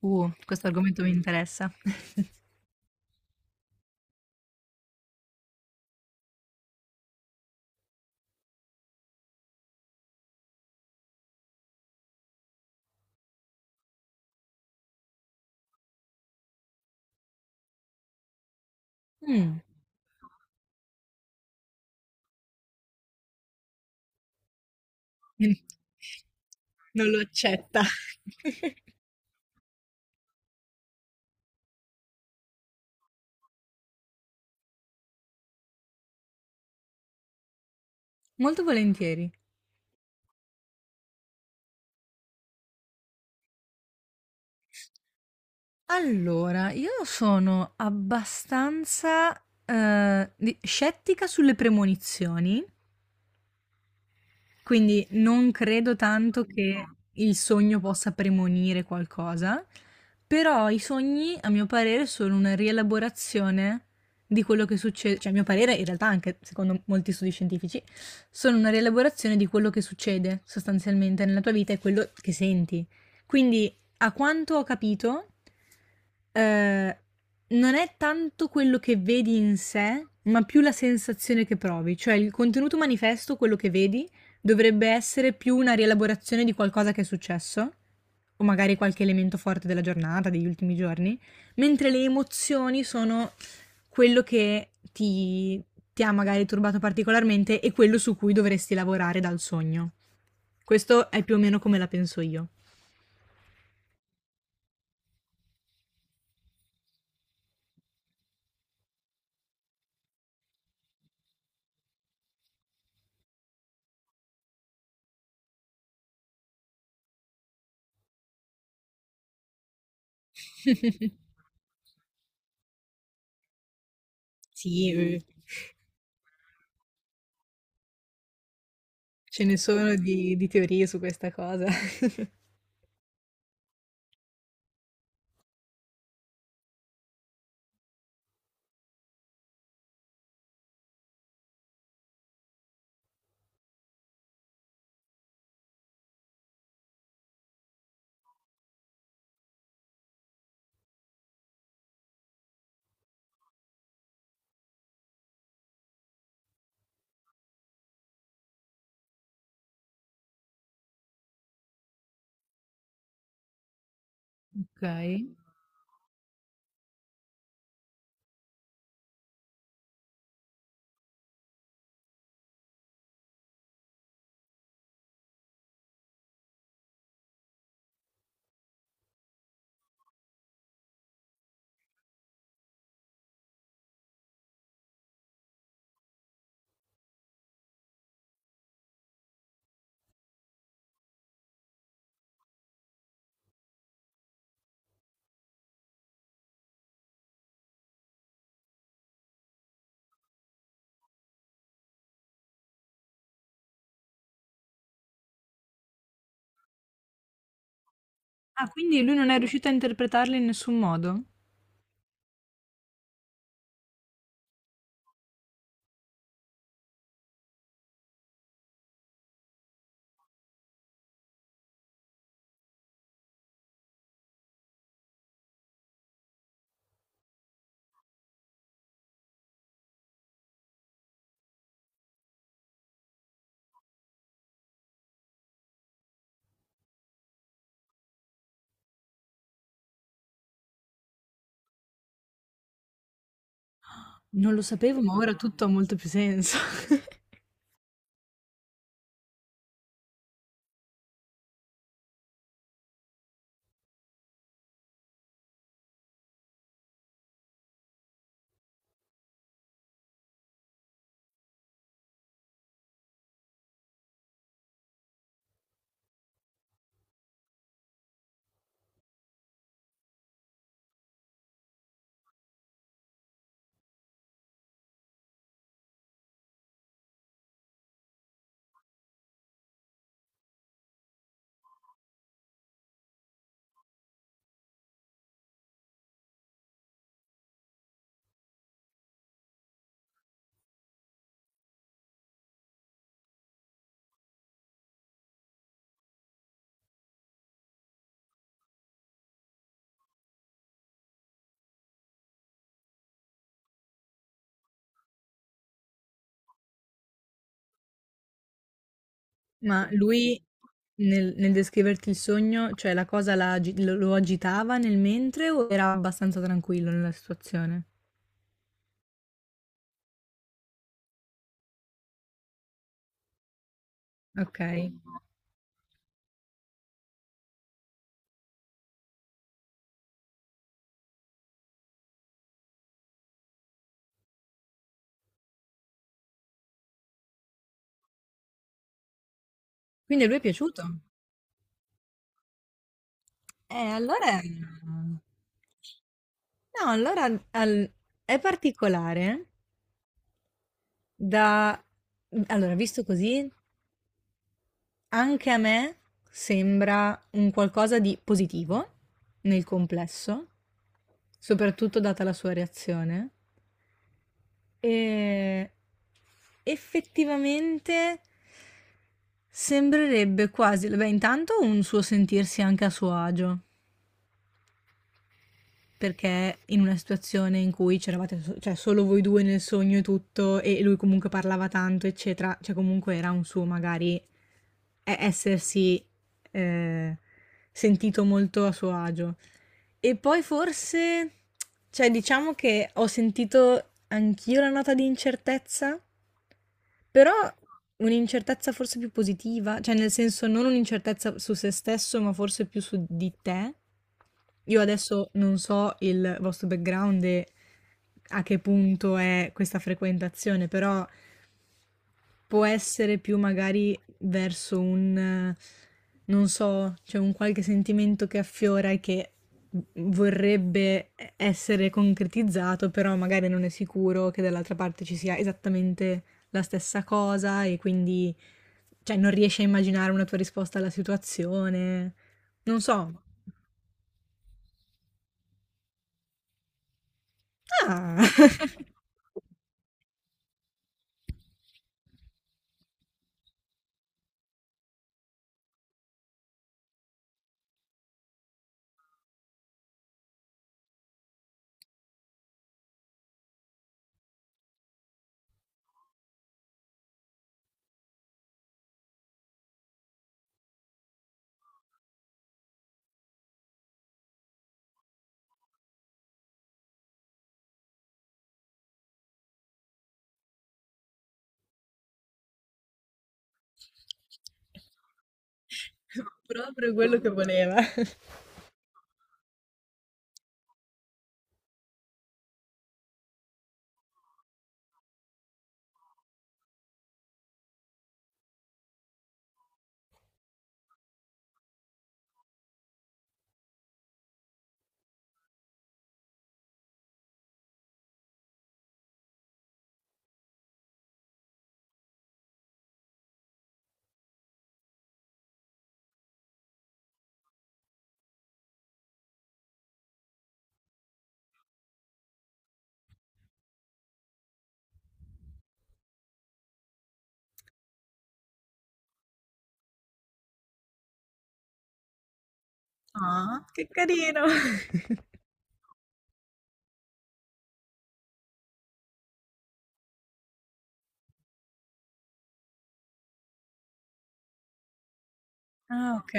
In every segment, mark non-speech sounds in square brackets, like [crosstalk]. Questo argomento mi interessa. Mh. [laughs] Non lo accetta. Molto volentieri. Allora, io sono abbastanza, di scettica sulle premonizioni. Quindi non credo tanto che il sogno possa premonire qualcosa, però i sogni, a mio parere, sono una rielaborazione di quello che succede, cioè a mio parere, in realtà anche secondo molti studi scientifici, sono una rielaborazione di quello che succede sostanzialmente nella tua vita e quello che senti. Quindi, a quanto ho capito, eh, non è tanto quello che vedi in sé, ma più la sensazione che provi, cioè il contenuto manifesto, quello che vedi, dovrebbe essere più una rielaborazione di qualcosa che è successo, o magari qualche elemento forte della giornata, degli ultimi giorni, mentre le emozioni sono quello che ti ha magari turbato particolarmente e quello su cui dovresti lavorare dal sogno. Questo è più o meno come la penso io. Sì, [laughs] eh. Ce ne sono di teorie su questa cosa. [laughs] Ok. Ah, quindi lui non è riuscito a interpretarle in nessun modo? Non lo sapevo, ma ora tutto ha molto più senso. [laughs] Ma lui nel descriverti il sogno, cioè la cosa la agi- lo agitava nel mentre o era abbastanza tranquillo nella situazione? Ok. Quindi a lui è piaciuto? Allora... No, allora al- è particolare da... Allora, visto così, anche a me sembra un qualcosa di positivo nel complesso, soprattutto data la sua reazione. Ehm, Effettivamente sembrerebbe quasi beh, intanto un suo sentirsi anche a suo agio, perché in una situazione in cui c'eravate so cioè solo voi 2 nel sogno e tutto, e lui comunque parlava tanto, eccetera, cioè comunque era un suo magari e essersi, ehm, sentito molto a suo agio. E poi forse, cioè diciamo che ho sentito anch'io la nota di incertezza, però un'incertezza forse più positiva, cioè nel senso non un'incertezza su se stesso, ma forse più su di te. Io adesso non so il vostro background e a che punto è questa frequentazione, però può essere più magari verso non so, c'è un qualche sentimento che affiora e che vorrebbe essere concretizzato, però magari non è sicuro che dall'altra parte ci sia esattamente la stessa cosa e quindi, cioè, non riesci a immaginare una tua risposta alla situazione. Non so. Ah! [laughs] Proprio quello che voleva. Ah, che carino! [laughs] Ah, ok.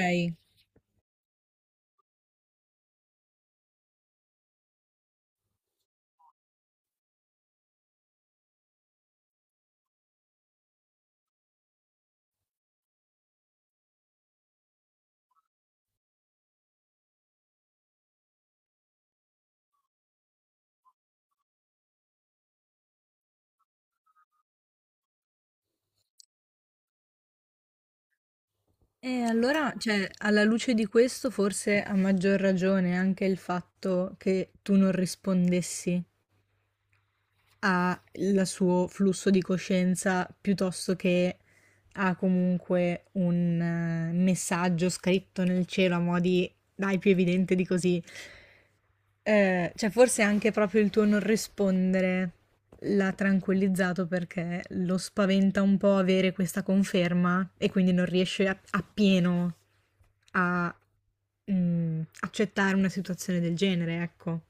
E allora, cioè, alla luce di questo, forse a maggior ragione anche il fatto che tu non rispondessi ha il suo flusso di coscienza piuttosto che ha comunque un messaggio scritto nel cielo a mo' di dai più evidente di così. Cioè forse anche proprio il tuo non rispondere l'ha tranquillizzato perché lo spaventa un po' avere questa conferma e quindi non riesce a- appieno a accettare una situazione del genere, ecco.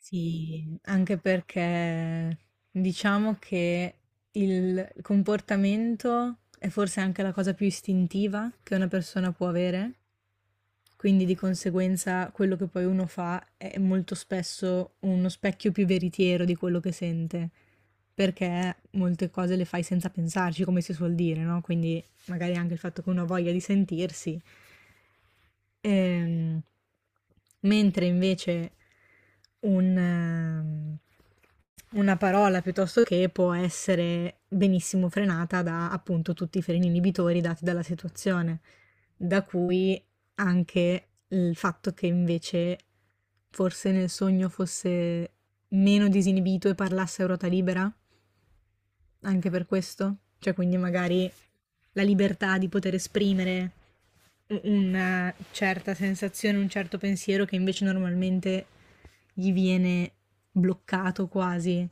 Sì, anche perché diciamo che il comportamento è forse anche la cosa più istintiva che una persona può avere, quindi di conseguenza quello che poi uno fa è molto spesso uno specchio più veritiero di quello che sente, perché molte cose le fai senza pensarci, come si suol dire, no? Quindi magari anche il fatto che uno ha voglia di sentirsi. Ehm, Mentre invece un, ehm, una parola piuttosto che può essere benissimo frenata da appunto tutti i freni inibitori dati dalla situazione, da cui anche il fatto che invece forse nel sogno fosse meno disinibito e parlasse a ruota libera anche per questo? Cioè, quindi magari la libertà di poter esprimere u una certa sensazione, un certo pensiero che invece normalmente gli viene bloccato quasi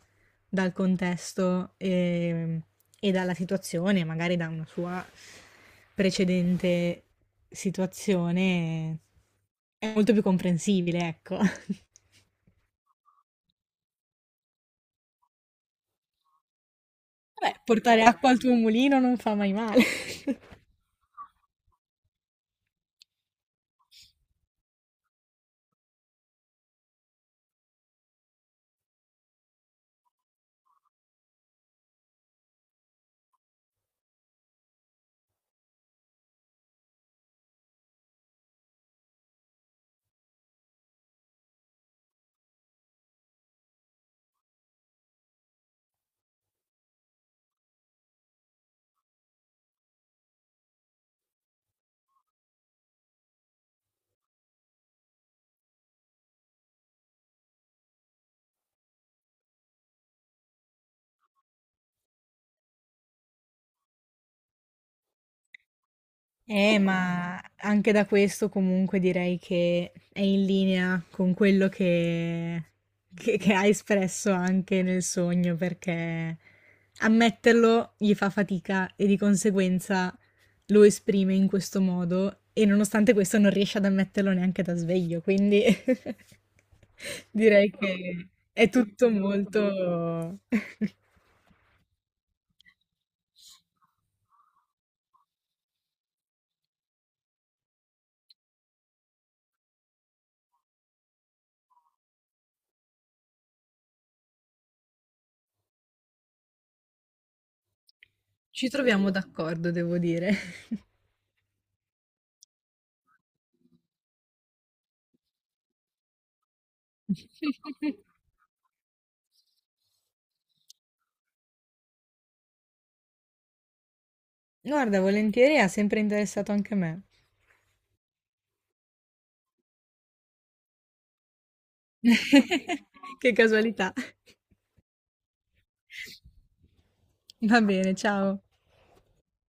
dal contesto, e dalla situazione, magari da una sua precedente situazione, è molto più comprensibile, ecco. [laughs] Vabbè, portare acqua al tuo mulino non fa mai male. [laughs] Ma anche da questo comunque direi che è in linea con quello che ha espresso anche nel sogno, perché ammetterlo gli fa fatica e di conseguenza lo esprime in questo modo e nonostante questo non riesce ad ammetterlo neanche da sveglio, quindi [laughs] direi che è tutto molto... Ci troviamo d'accordo, devo dire. [laughs] Guarda, volentieri, ha sempre interessato anche a me. [laughs] Che casualità. Va bene, ciao.